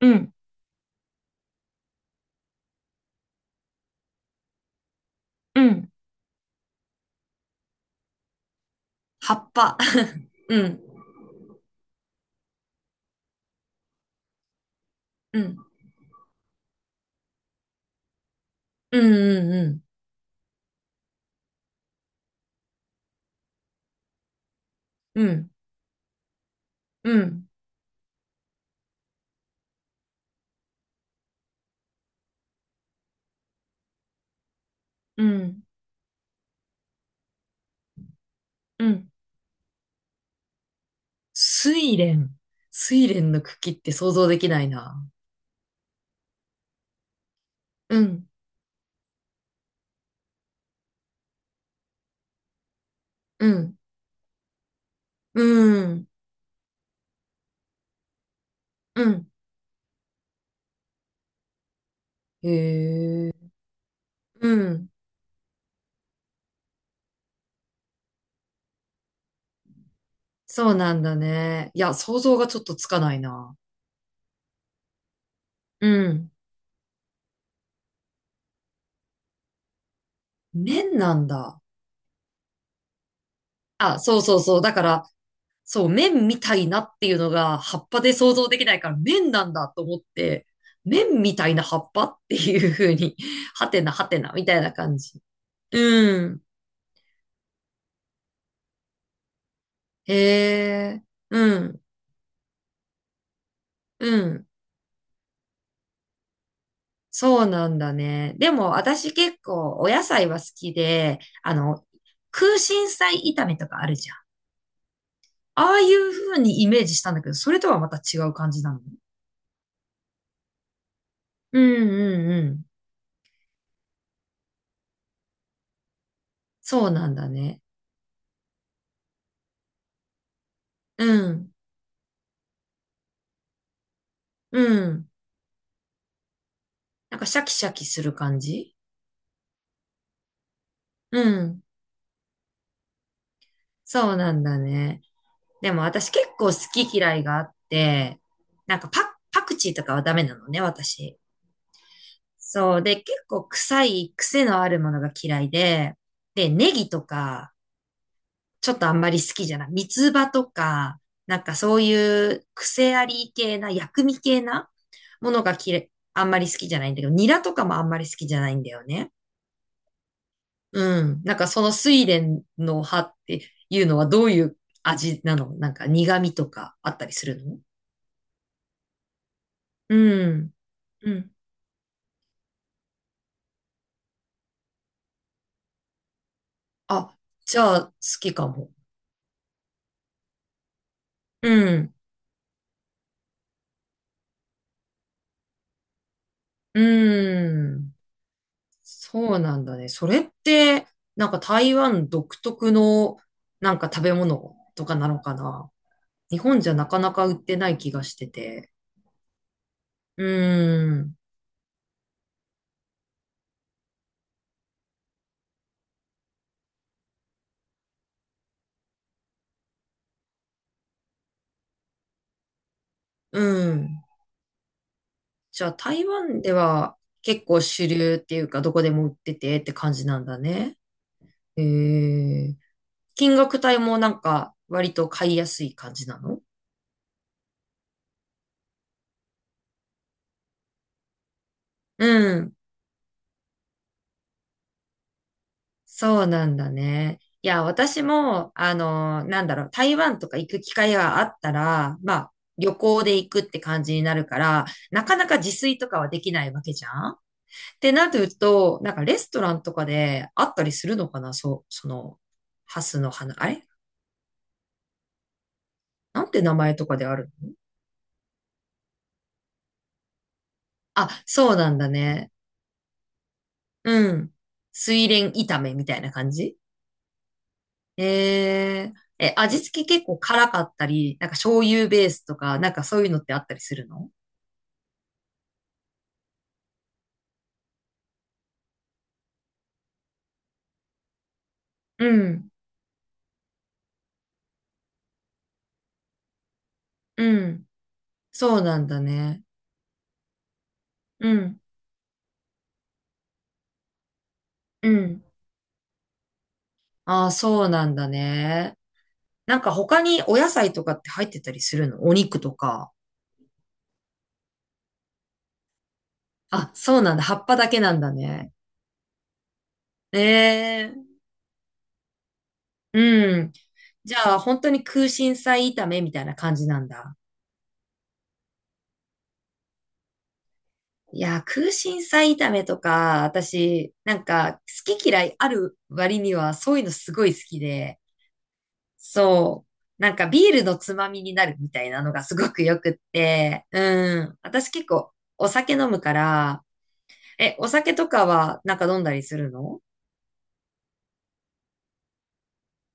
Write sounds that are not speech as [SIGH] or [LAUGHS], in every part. うん、うん、葉っぱ。[LAUGHS] うん、うん、うん、うん、うん、うん、うん、うん、うん。睡蓮。睡蓮の茎って想像できないな。うん、うん、うん、うん。へえ。うん。そうなんだね。いや、想像がちょっとつかないな。うん。面なんだ。あ、そうそうそう。だから、そう、麺みたいなっていうのが葉っぱで想像できないから麺なんだと思って、麺みたいな葉っぱっていう風に、[LAUGHS] はてなはてなみたいな感じ。うん。へえ、うん、うん。そうなんだね。でも私結構お野菜は好きで、あの、空心菜炒めとかあるじゃん。ああいう風にイメージしたんだけど、それとはまた違う感じなのね。うんうんうん。そうなんだね。うん、うん。なんかシャキシャキする感じ。うん。そうなんだね。でも私結構好き嫌いがあって、なんかパクチーとかはダメなのね、私。そう。で、結構臭い癖のあるものが嫌いで、で、ネギとか、ちょっとあんまり好きじゃない。三つ葉とか、なんかそういう癖あり系な、薬味系なものが嫌い、あんまり好きじゃないんだけど、ニラとかもあんまり好きじゃないんだよね。うん。なんかその睡蓮の葉っていうのはどういう味なの？なんか苦味とかあったりするの？うん。うん。あ、じゃあ好きかも。うん。うん。そうなんだね。それって、なんか台湾独特のなんか食べ物とかなのかな？日本じゃなかなか売ってない気がしてて。うん。うん。じゃあ台湾では結構主流っていうかどこでも売っててって感じなんだね。へえ。金額帯もなんか割と買いやすい感じなの？うん。そうなんだね。いや、私も、あの、なんだろう、台湾とか行く機会があったら、まあ、旅行で行くって感じになるから、なかなか自炊とかはできないわけじゃんってなると、なんかレストランとかであったりするのかな？そう、その、ハスの花、あれなんて名前とかであるの？あ、そうなんだね。うん。水蓮炒めみたいな感じ？えー、え、味付け結構辛かったり、なんか醤油ベースとか、なんかそういうのってあったりするの？うん、うん。そうなんだね。うん、うん。ああ、そうなんだね。なんか他にお野菜とかって入ってたりするの？お肉とか。あ、そうなんだ。葉っぱだけなんだね。ええ、うん。じゃあ、本当に空心菜炒めみたいな感じなんだ。いやー、空心菜炒めとか、私、なんか、好き嫌いある割には、そういうのすごい好きで、そう、なんかビールのつまみになるみたいなのがすごくよくって、うん、私結構お酒飲むから、え、お酒とかはなんか飲んだりするの？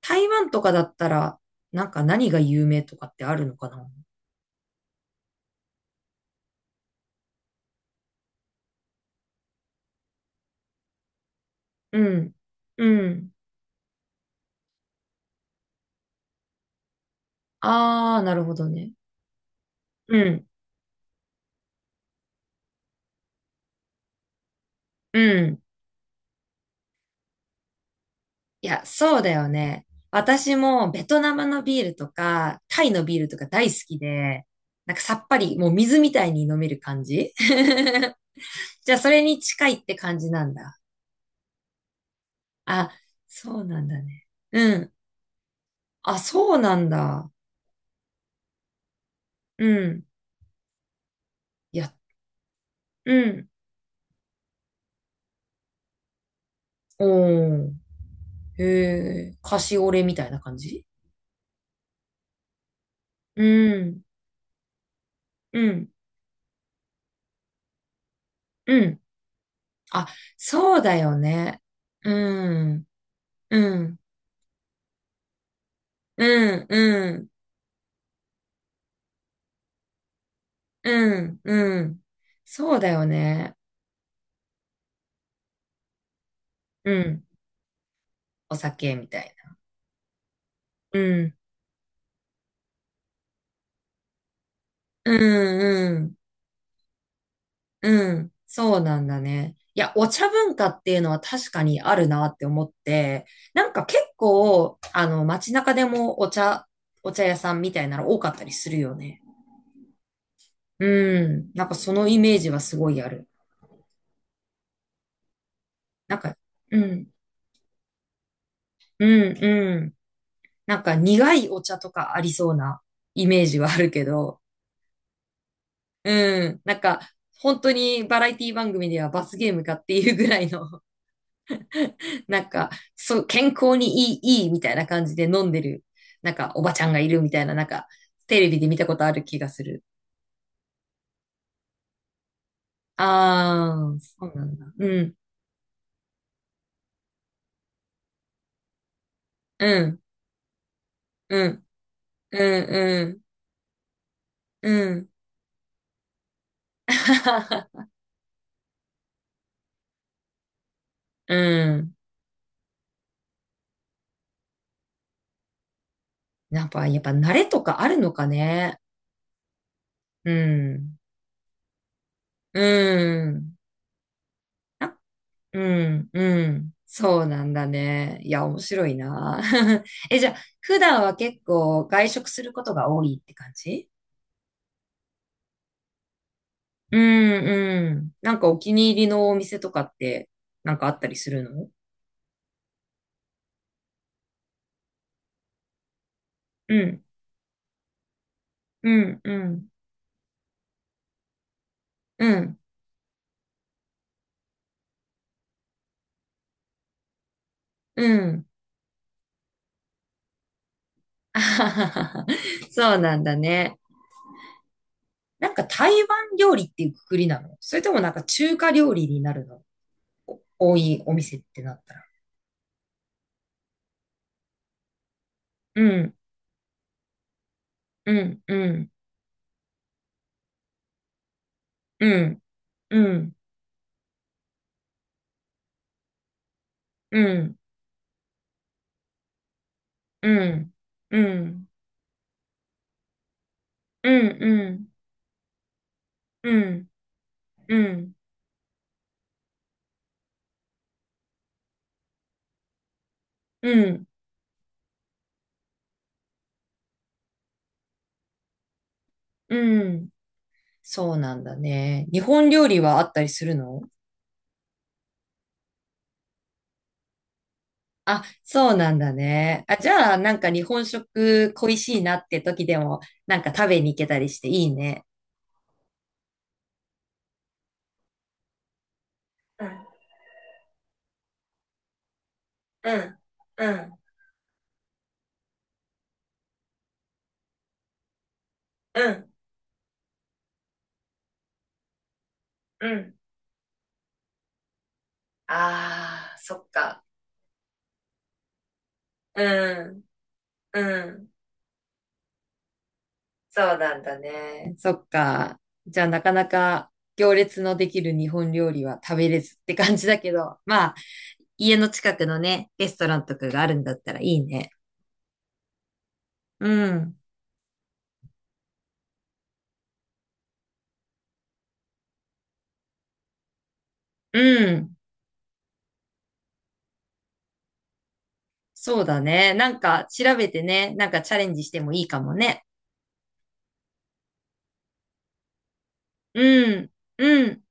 台湾とかだったら、なんか何が有名とかってあるのかな？うん、うん。あー、なるほどね。うん、うん。いや、そうだよね。私もベトナムのビールとか、タイのビールとか大好きで、なんかさっぱり、もう水みたいに飲める感じ。 [LAUGHS] じゃあ、それに近いって感じなんだ。あ、そうなんだね。うん。あ、そうなんだ。うん。いや、うん。おー。へえ、カシオレみたいな感じ？うん。うん。うん。あ、そうだよね。うん。うん。うん。うん。うん、うん。そうだよね。うん。お酒みたいな。うん、うん、うん、うん。そうなんだね。いや、お茶文化っていうのは確かにあるなって思って、なんか結構、あの、街中でもお茶、お茶屋さんみたいなの多かったりするよね。うん。なんかそのイメージはすごいある。なんか、うん、うん、うん。なんか苦いお茶とかありそうなイメージはあるけど、うん。なんか、本当にバラエティ番組では罰ゲームかっていうぐらいの、[LAUGHS] なんか、そう、健康にいい、いいみたいな感じで飲んでる、なんか、おばちゃんがいるみたいな、なんか、テレビで見たことある気がする。ああ、そうなんだ。うん、うん、うん、うん、うん、うん。[LAUGHS] うん。やっぱ慣れとかあるのかね。うん、うん。うん、うん。そうなんだね。いや、面白いな。[LAUGHS] え、じゃあ、普段は結構外食することが多いって感じ？うん、うん。なんかお気に入りのお店とかって、なんかあったりするの？うん、うん、うん、うん、うん。[LAUGHS] あはははそうなんだね。なんか台湾料理っていうくくりなの？それともなんか中華料理になるの？多いお店ってなったら。うん、うん、うん、うん、うん、うん。うん、うん、うん、うん、うん、うん、うん、うん。そうなんだね。日本料理はあったりするの？あ、そうなんだね。あ、じゃあ、なんか日本食恋しいなって時でも、なんか食べに行けたりしていいね。うん、うん、うん、うん、うん。ああ、そっか。うん、うん。そうなんだね。そっか。じゃあなかなか行列のできる日本料理は食べれずって感じだけど、まあ、家の近くのね、レストランとかがあるんだったらいいね。うん。うん。そうだね。なんか調べてね、なんかチャレンジしてもいいかもね。うん。うん。